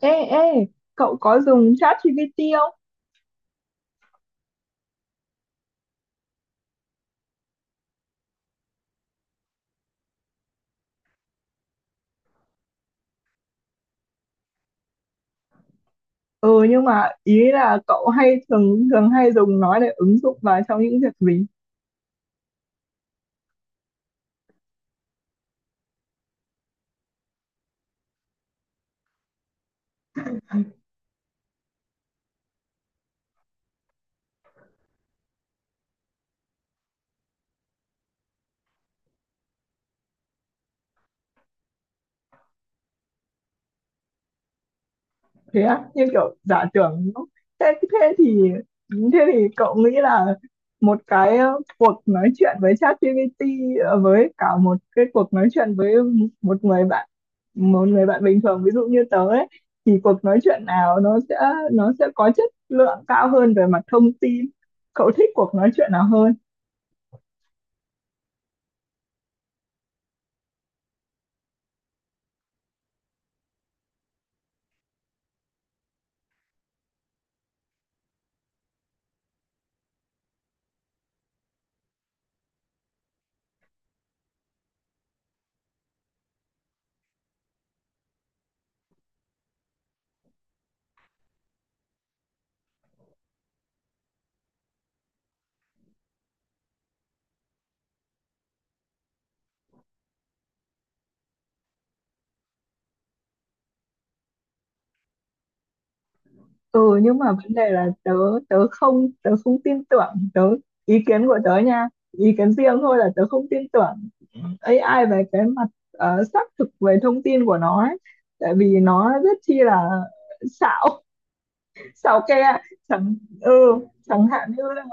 Ê, ê, cậu có dùng ChatGPT không? Ừ, nhưng mà ý là cậu hay thường thường hay dùng nó để ứng dụng vào trong những việc gì? Thế á, như kiểu giả tưởng. Thế, thế thì thế thì cậu nghĩ là một cái cuộc nói chuyện với ChatGPT, ờ, với cả một cái cuộc nói chuyện với một người bạn, một người bạn bình thường ví dụ như tớ ấy, thì cuộc nói chuyện nào nó sẽ có chất lượng cao hơn về mặt thông tin? Cậu thích cuộc nói chuyện nào hơn? Ừ, nhưng mà vấn đề là tớ tớ không tin tưởng. Tớ, ý kiến của tớ nha, ý kiến riêng thôi, là tớ không tin tưởng AI về cái mặt xác thực về thông tin của nó ấy. Tại vì nó rất chi là xạo, xạo ke chẳng, ừ, chẳng hạn như là,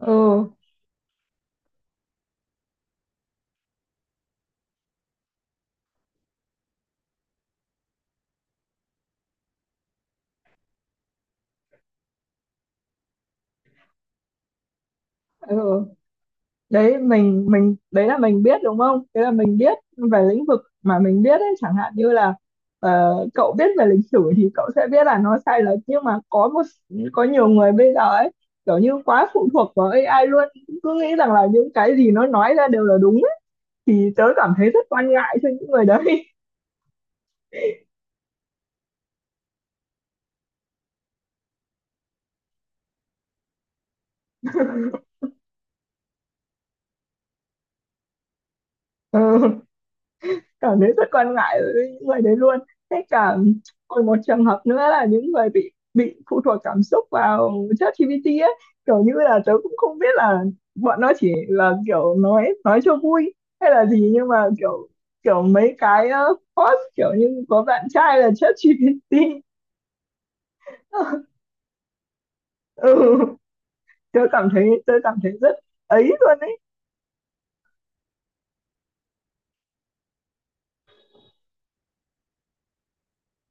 ừ, ừ đấy, mình đấy là mình biết đúng không, đấy là mình biết về lĩnh vực mà mình biết ấy. Chẳng hạn như là cậu biết về lịch sử thì cậu sẽ biết là nó sai lệch, nhưng mà có một, có nhiều người bây giờ ấy kiểu như quá phụ thuộc vào AI luôn, cứ nghĩ rằng là những cái gì nó nói ra đều là đúng ấy. Thì tớ cảm thấy rất quan ngại cho những người đấy. Cảm thấy rất quan ngại với những người đấy luôn. Thế cả, còn một trường hợp nữa là những người bị phụ thuộc cảm xúc vào ChatGPT ấy, kiểu như là tớ cũng không biết là bọn nó chỉ là kiểu nói cho vui hay là gì, nhưng mà kiểu, kiểu mấy cái post kiểu như có bạn trai là ChatGPT. Ừ, tớ cảm thấy rất ấy luôn ấy.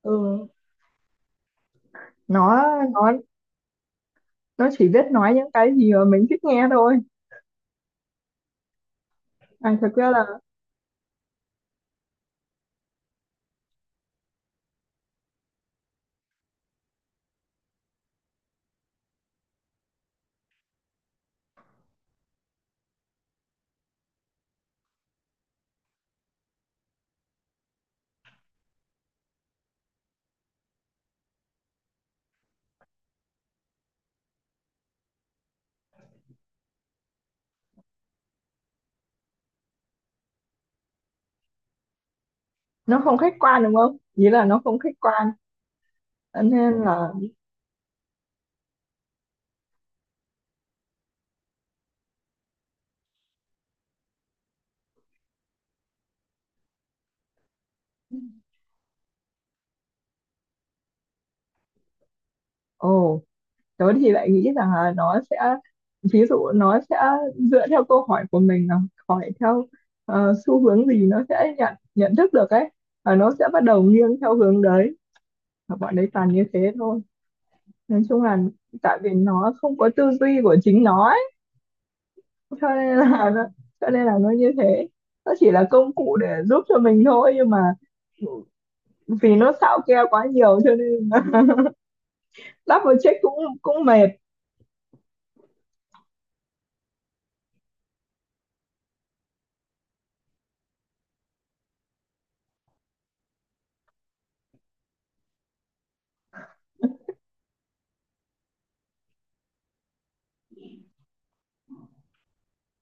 Ừ, nó nó nó chỉ biết nói những cái gì mà mình thích nghe thôi. À, thật ra là nó không khách quan đúng không, nghĩa là nó không khách quan. Cho nên là, ồ, tớ thì lại nghĩ rằng là nó sẽ, ví dụ nó sẽ dựa theo câu hỏi của mình, là hỏi theo xu hướng gì nó sẽ nhận nhận thức được ấy, và nó sẽ bắt đầu nghiêng theo hướng đấy, và bọn đấy toàn như thế thôi. Nói chung là tại vì nó không có tư duy của chính nó ấy, cho nên là nó, cho nên là nó như thế. Nó chỉ là công cụ để giúp cho mình thôi, nhưng mà vì nó xạo keo quá nhiều cho nên double check cũng cũng mệt.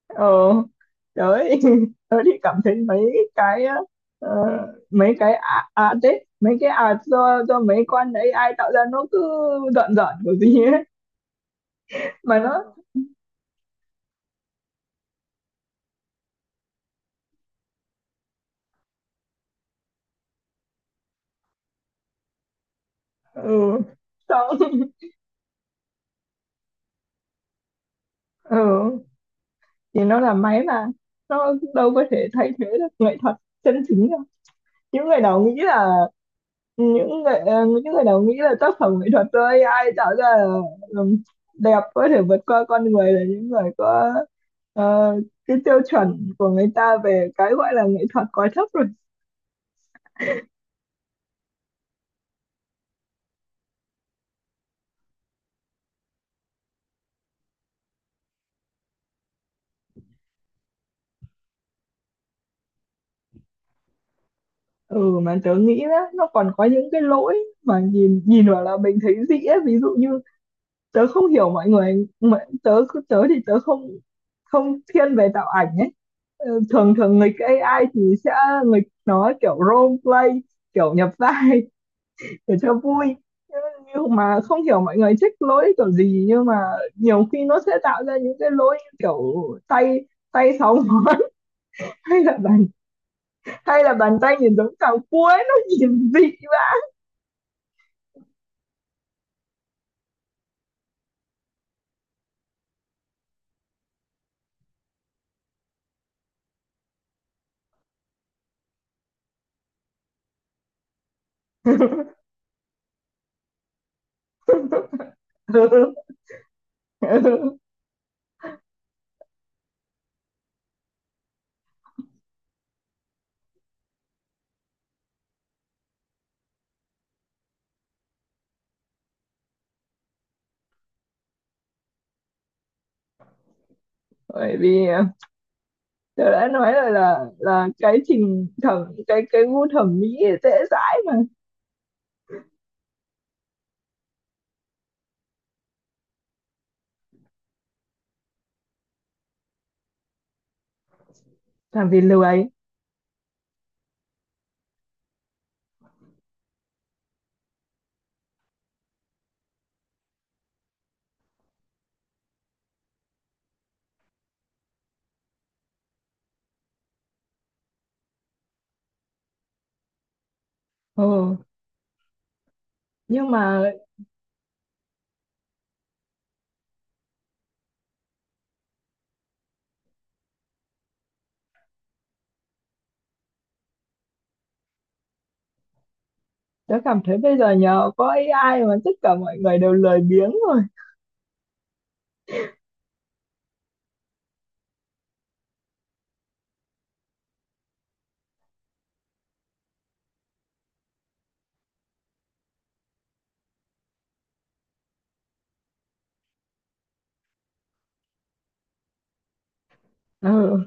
Ờ, trời. Tớ thì cảm thấy mấy cái ờ, mấy cái đấy, mấy cái do mấy con AI tạo ra nó cứ giận giận của gì ấy mà nó, ừ, xong. Ừ, thì nó là máy mà, nó đâu có thể thay thế được nghệ thuật chân chính đâu. Những người nào nghĩ là, những người những người nào nghĩ là tác phẩm nghệ thuật thôi ai tạo ra là đẹp có thể vượt qua con người, là những người có ờ, cái tiêu chuẩn của người ta về cái gọi là nghệ thuật quá thấp rồi. Ừ, mà tớ nghĩ đó, nó còn có những cái lỗi mà nhìn nhìn vào là mình thấy dĩ ấy. Ví dụ như tớ không hiểu mọi người, mọi, tớ tớ thì tớ không, không thiên về tạo ảnh ấy. Ờ, thường thường nghịch AI thì sẽ nghịch nó kiểu role play, kiểu nhập vai để cho vui. Nhưng mà không hiểu mọi người thích lỗi kiểu gì, nhưng mà nhiều khi nó sẽ tạo ra những cái lỗi như kiểu tay, tay sáu ngón. Hay là bàn, hay là bàn tay nhìn giống cào cuối nó nhìn dị mà. Bởi vì tôi đã nói rồi là cái trình thẩm, cái gu thẩm mỹ dễ dãi mà. Làm vì lười. Ừ. Nhưng mà tôi cảm thấy bây giờ nhờ có AI mà tất cả mọi người đều lười biếng rồi. Ừ.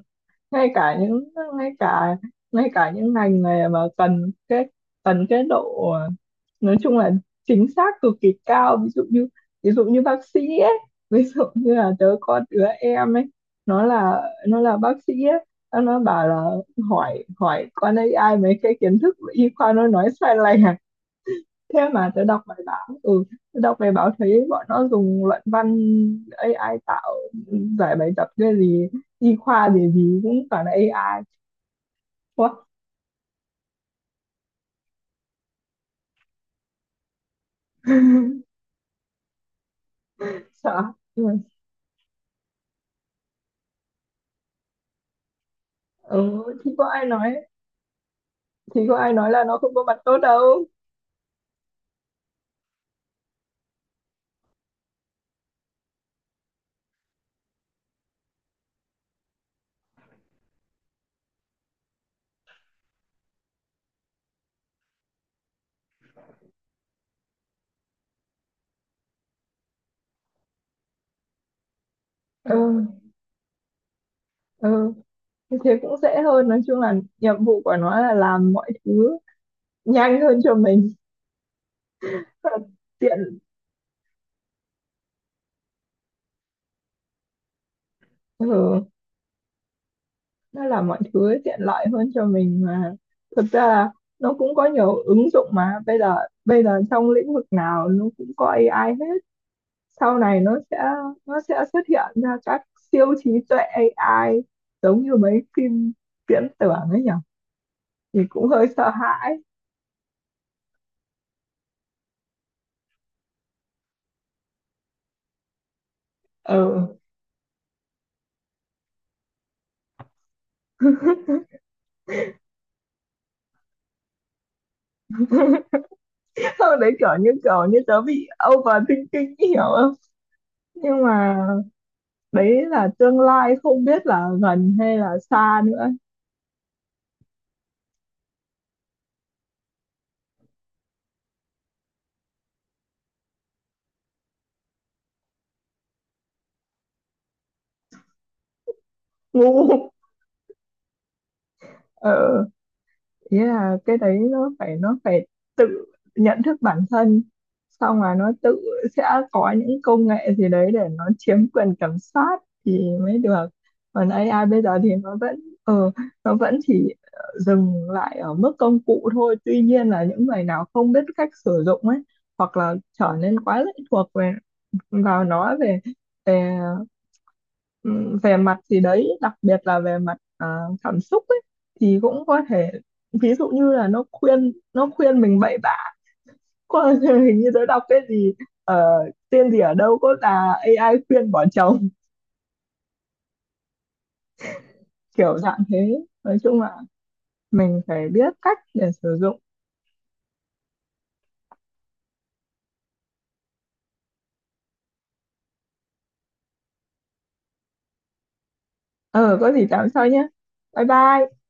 Ngay cả những, ngay cả, ngay cả những ngành này mà cần cái, cần cái độ nói chung là chính xác cực kỳ cao. Ví dụ như, ví dụ như bác sĩ ấy, ví dụ như là tớ có đứa em ấy, nó là, nó là bác sĩ ấy. Nó bảo là hỏi hỏi con AI mấy cái kiến thức y khoa nó nói sai lệch à? Thế mà tớ đọc bài báo, ừ, tớ đọc bài báo thấy bọn nó dùng luận văn AI tạo, giải bài tập cái gì y khoa gì gì cũng toàn là AI. Quá sợ. Ừ. Ừ thì có ai nói, thì có ai nói là nó không có mặt tốt đâu. Ừ. Ừ, như thế cũng dễ hơn. Nói chung là nhiệm vụ của nó là làm mọi thứ nhanh hơn cho mình. Tiện. Ừ. Nó làm mọi thứ tiện lợi hơn cho mình mà. Thực ra là nó cũng có nhiều ứng dụng mà bây giờ, bây giờ trong lĩnh vực nào nó cũng có AI hết. Sau này nó sẽ, nó sẽ xuất hiện ra các siêu trí tuệ AI giống như mấy phim viễn tưởng ấy nhỉ, thì cũng hơi sợ hãi. Ừ. Sau đấy kiểu như, kiểu như tớ bị overthinking ý, hiểu không? Nhưng mà đấy là tương lai, không biết là gần hay là xa nữa. Ngu. Ừ. Yeah, cái đấy nó phải, nó phải tự nhận thức bản thân, xong là nó tự sẽ có những công nghệ gì đấy để nó chiếm quyền kiểm soát thì mới được. Còn AI bây giờ thì nó vẫn ờ, nó vẫn chỉ dừng lại ở mức công cụ thôi. Tuy nhiên là những người nào không biết cách sử dụng ấy, hoặc là trở nên quá lệ thuộc về, vào nó, về, về, ừm, về mặt gì đấy, đặc biệt là về mặt cảm xúc ấy, thì cũng có thể ví dụ như là nó khuyên, nó khuyên mình bậy bạ. Có, hình như tôi đọc cái gì ờ, tên gì ở đâu có là AI khuyên bỏ chồng. Kiểu dạng thế. Nói chung là mình phải biết cách để sử dụng. Ờ, có gì tám sau nhé. Bye bye.